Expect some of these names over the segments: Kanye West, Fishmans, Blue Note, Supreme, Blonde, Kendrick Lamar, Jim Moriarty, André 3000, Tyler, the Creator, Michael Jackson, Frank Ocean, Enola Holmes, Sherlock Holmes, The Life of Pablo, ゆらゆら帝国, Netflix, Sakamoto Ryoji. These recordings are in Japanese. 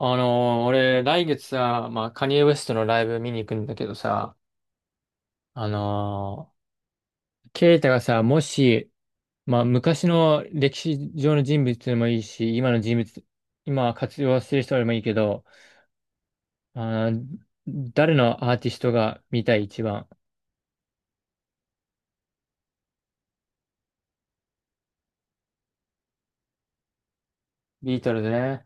俺、来月さ、まあ、カニエ・ウェストのライブ見に行くんだけどさ、あのケイタがさ、もし、まあ、昔の歴史上の人物でもいいし、今の人物、今活用してる人でもいいけど、あー誰のアーティストが見たい一番。ビートルズね。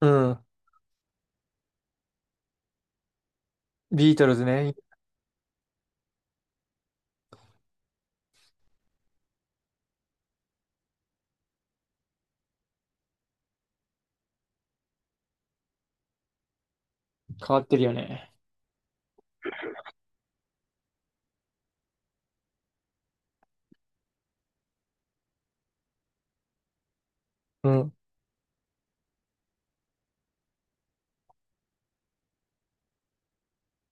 うん。ビートルズね。変わってるよね。うん。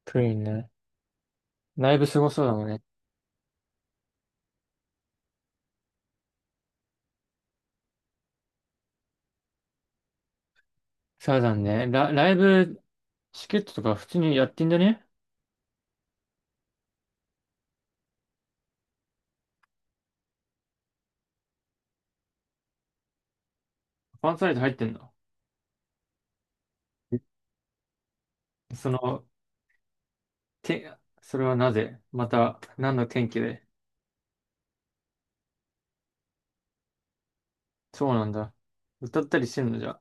クイーンね。ライブすごそうだもんね。サザンね。ライブチケットとか普通にやってんだね。ファンサイト入ってんの。その、て、それはなぜまた、何の天気で。そうなんだ。歌ったりしてんのじゃ。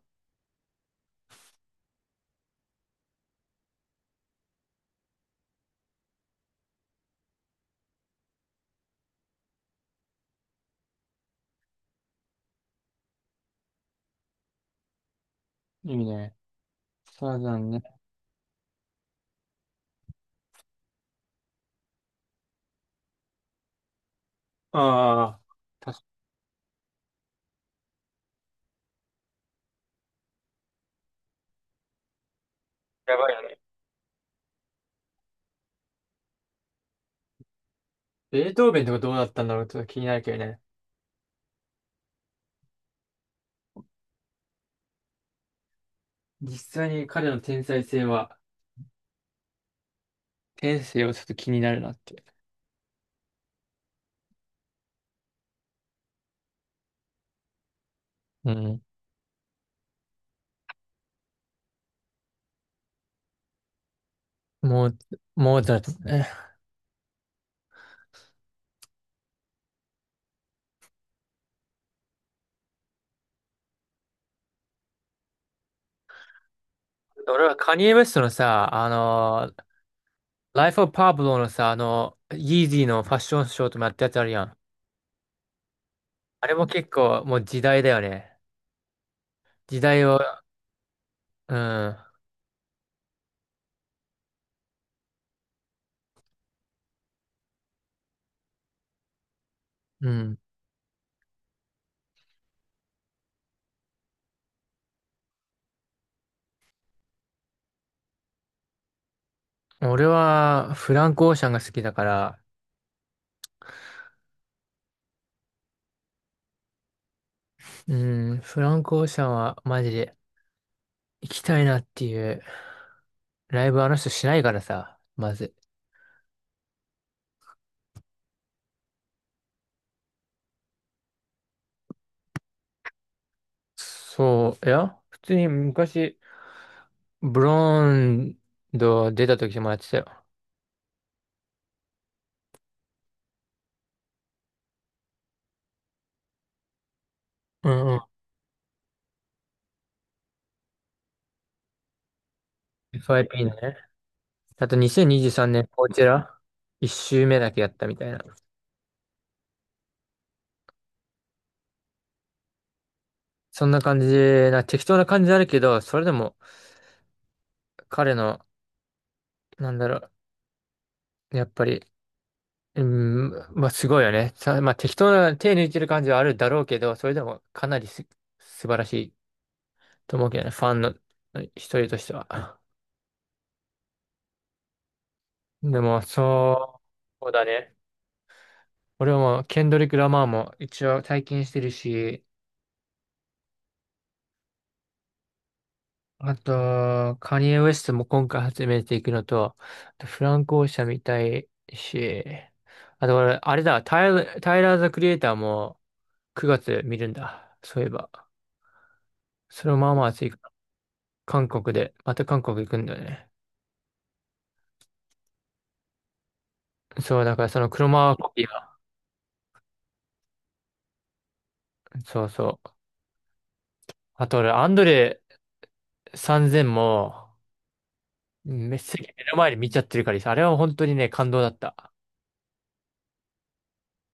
いいね。サーザンね。ああ、確かにやばいよね。ベートーベンとかどうだったんだろう、ちょっと気になるけどね。実際に彼の天才性は、天性はちょっと気になるなって。うん。もう、もうだって。ね。俺はカニエ・ウェストのさ、Life of Pablo のさ、あの、イージーのファッションショーともやったやつあるやん。あれも結構もう時代だよね。時代を、うん。うん。俺はフランク・オーシャンが好きだから、うん、フランク・オーシャンはマジで行きたいなっていう。ライブあの人しないからさ、まず。そう、いや、普通に昔、ブロンド出た時もやってたよ。うんうん。FIP のね。あと2023年、こちら、1周目だけやったみたいな。そんな感じな、適当な感じあるけど、それでも彼の、なんだろう、やっぱり、うん、まあすごいよね。さ、まあ適当な手抜いてる感じはあるだろうけど、それでもかなり素晴らしいと思うけどね、ファンの一人としては。でも、そう、そうだね。俺はもう、ケンドリック・ラマーも一応体験してるし、あと、カニエ・ウェストも今回始めていくのと、あとフランク・オーシャン見たいし、あと俺、あれだ、タイラー・ザ・クリエイターも9月見るんだ。そういえば。それもまあまあ熱い。韓国で、また韓国行くんだよね。そう、だからその車コピーは、そうそう。あと俺、アンドレ3000も、めっちゃ目の前で見ちゃってるからさ、あれは本当にね、感動だった。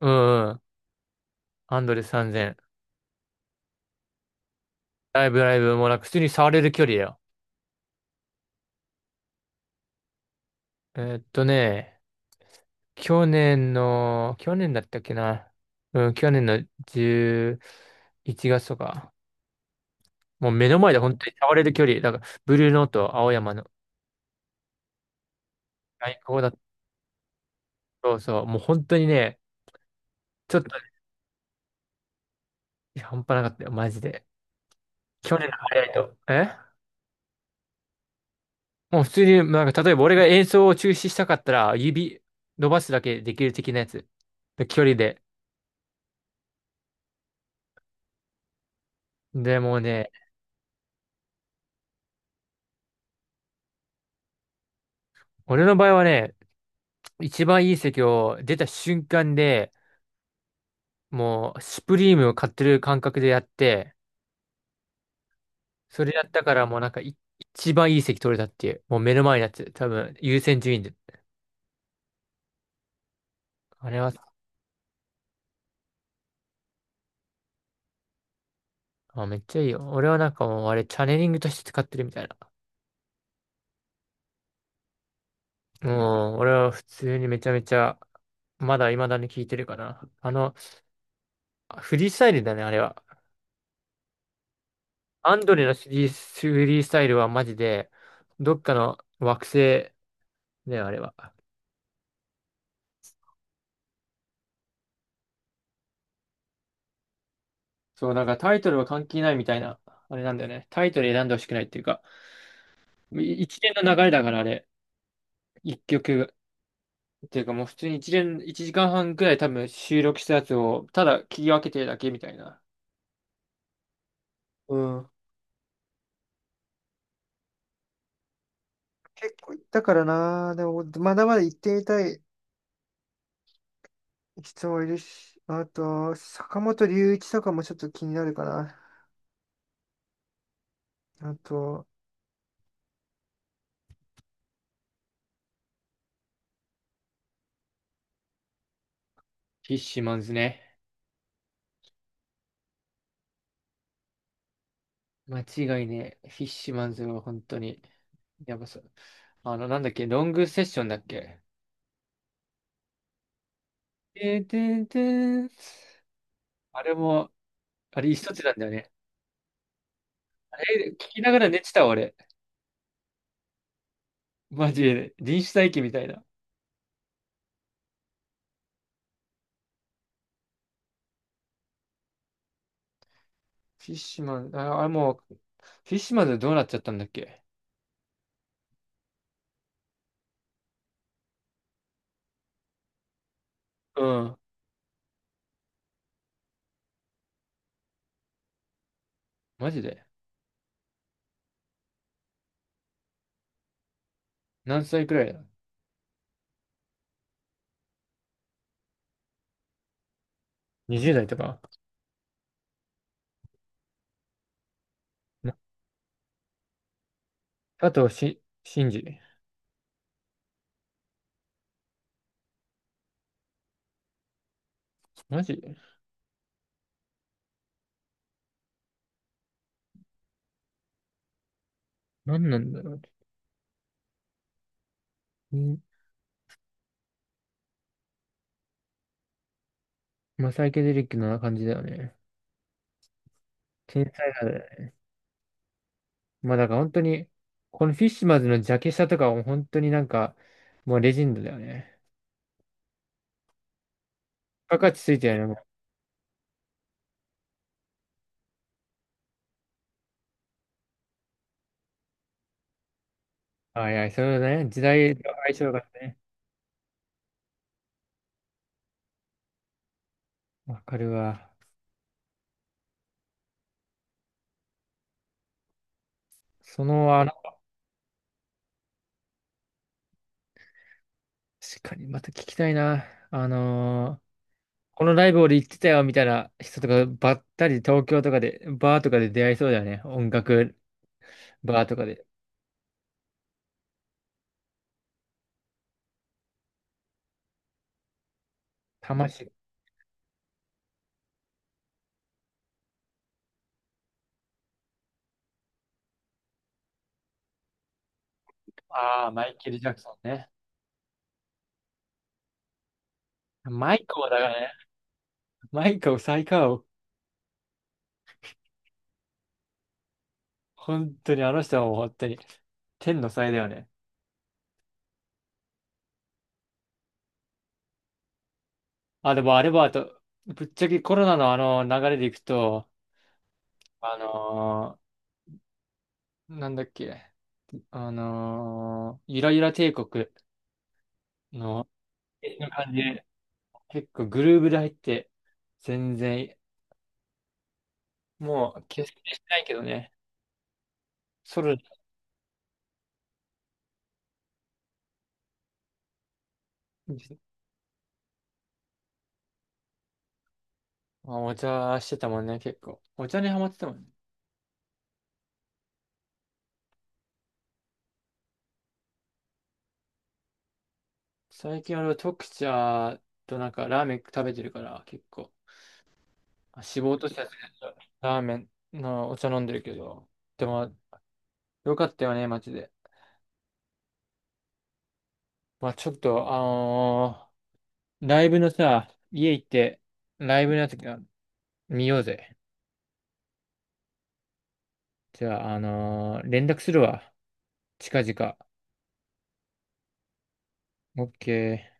うんうん。アンドレ3000。ライブ、ライブもなんか普通に触れる距離だよ。えーっとね、去年の、去年だったっけな。うん、去年の11月とか。もう目の前で本当に触れる距離。だから、ブルーノート、青山の。最高だった。そうそう。もう本当にね、ちょっと、いや、半端なかったよ、マジで。去年のハイライト。えもう普通に、なんか、例えば俺が演奏を中止したかったら、指伸ばすだけできる的なやつ。で距離で。でもうね、俺の場合はね、一番いい席を出た瞬間で、もう、スプリームを買ってる感覚でやって、それやったからもうなんか、一番いい席取れたっていう、もう目の前のやつ、多分優先順位で。あれは、あ、めっちゃいいよ。俺はなんかもう、あれ、チャネリングとして使ってるみたいな。もう、俺は普通にめちゃめちゃ、まだ未だに聞いてるかな。あの、フリースタイルだね、あれは。アンドレのフリースタイルはマジで、どっかの惑星だよ、あれは。そう、なんかタイトルは関係ないみたいな、あれなんだよね。タイトル選んでほしくないっていうか、一連の流れだから、あれ、一曲。っていうかもう普通に一連、一時間半くらい多分収録したやつを、ただ切り分けてるだけみたいな。うん。だからな、でも、まだまだ行ってみたい人はいるし、あと、坂本龍一とかもちょっと気になるかな。あと、フィッシュマンズね。間違いねえ。フィッシュマンズは本当に、やばそう。あの、なんだっけ、ロングセッションだっけ。てんてんてん、あれも、あれ一つなんだよね。あれ、聞きながら寝てたわ俺。マジで、臨死体験みたいな。フィッシュマン、あ、あれもう、フィッシュマンズどうなっちゃったんだっけ。うん。マジで。何歳くらいだ？ 20 代とか。あと、シンジ。マジ何なんだろう。うん。まあ、サイケデリックな感じだよね。天才派だよね。まあ、だから本当に、このフィッシュマンズのジャケ写とかも本当になんか、もうレジェンドだよね。バ価値ついてるよね。もう、あいや、そうだね。時代の相性がね。わかるわ。その、あの、確かにまた聞きたいな。あのーこのライブ俺行ってたよみたいな人とかばったり東京とかで、バーとかで出会いそうだよね。音楽バーとかで。魂。ああ、マイケル・ジャクソンね。マイコーだからね。マイコー最高を。本当にあの人はもう本当に天の才だよね。あ、でもあれはあと、ぶっちゃけコロナのあの流れでいくと、あのなんだっけ、ゆらゆら帝国の、の感じで、結構グルーブで入って、全然、もう決してしてないけどね、ソロ、まあお茶してたもんね、結構。お茶にハマってたもんね。最近俺は特茶となんかラーメン食べてるから結構、あ脂肪としたやつラーメンのお茶飲んでるけど、でもよかったよね、マジで。まあちょっと、ライブのさ、家行って、ライブのやつが見ようぜ。じゃあ、連絡するわ。近々。オッケー。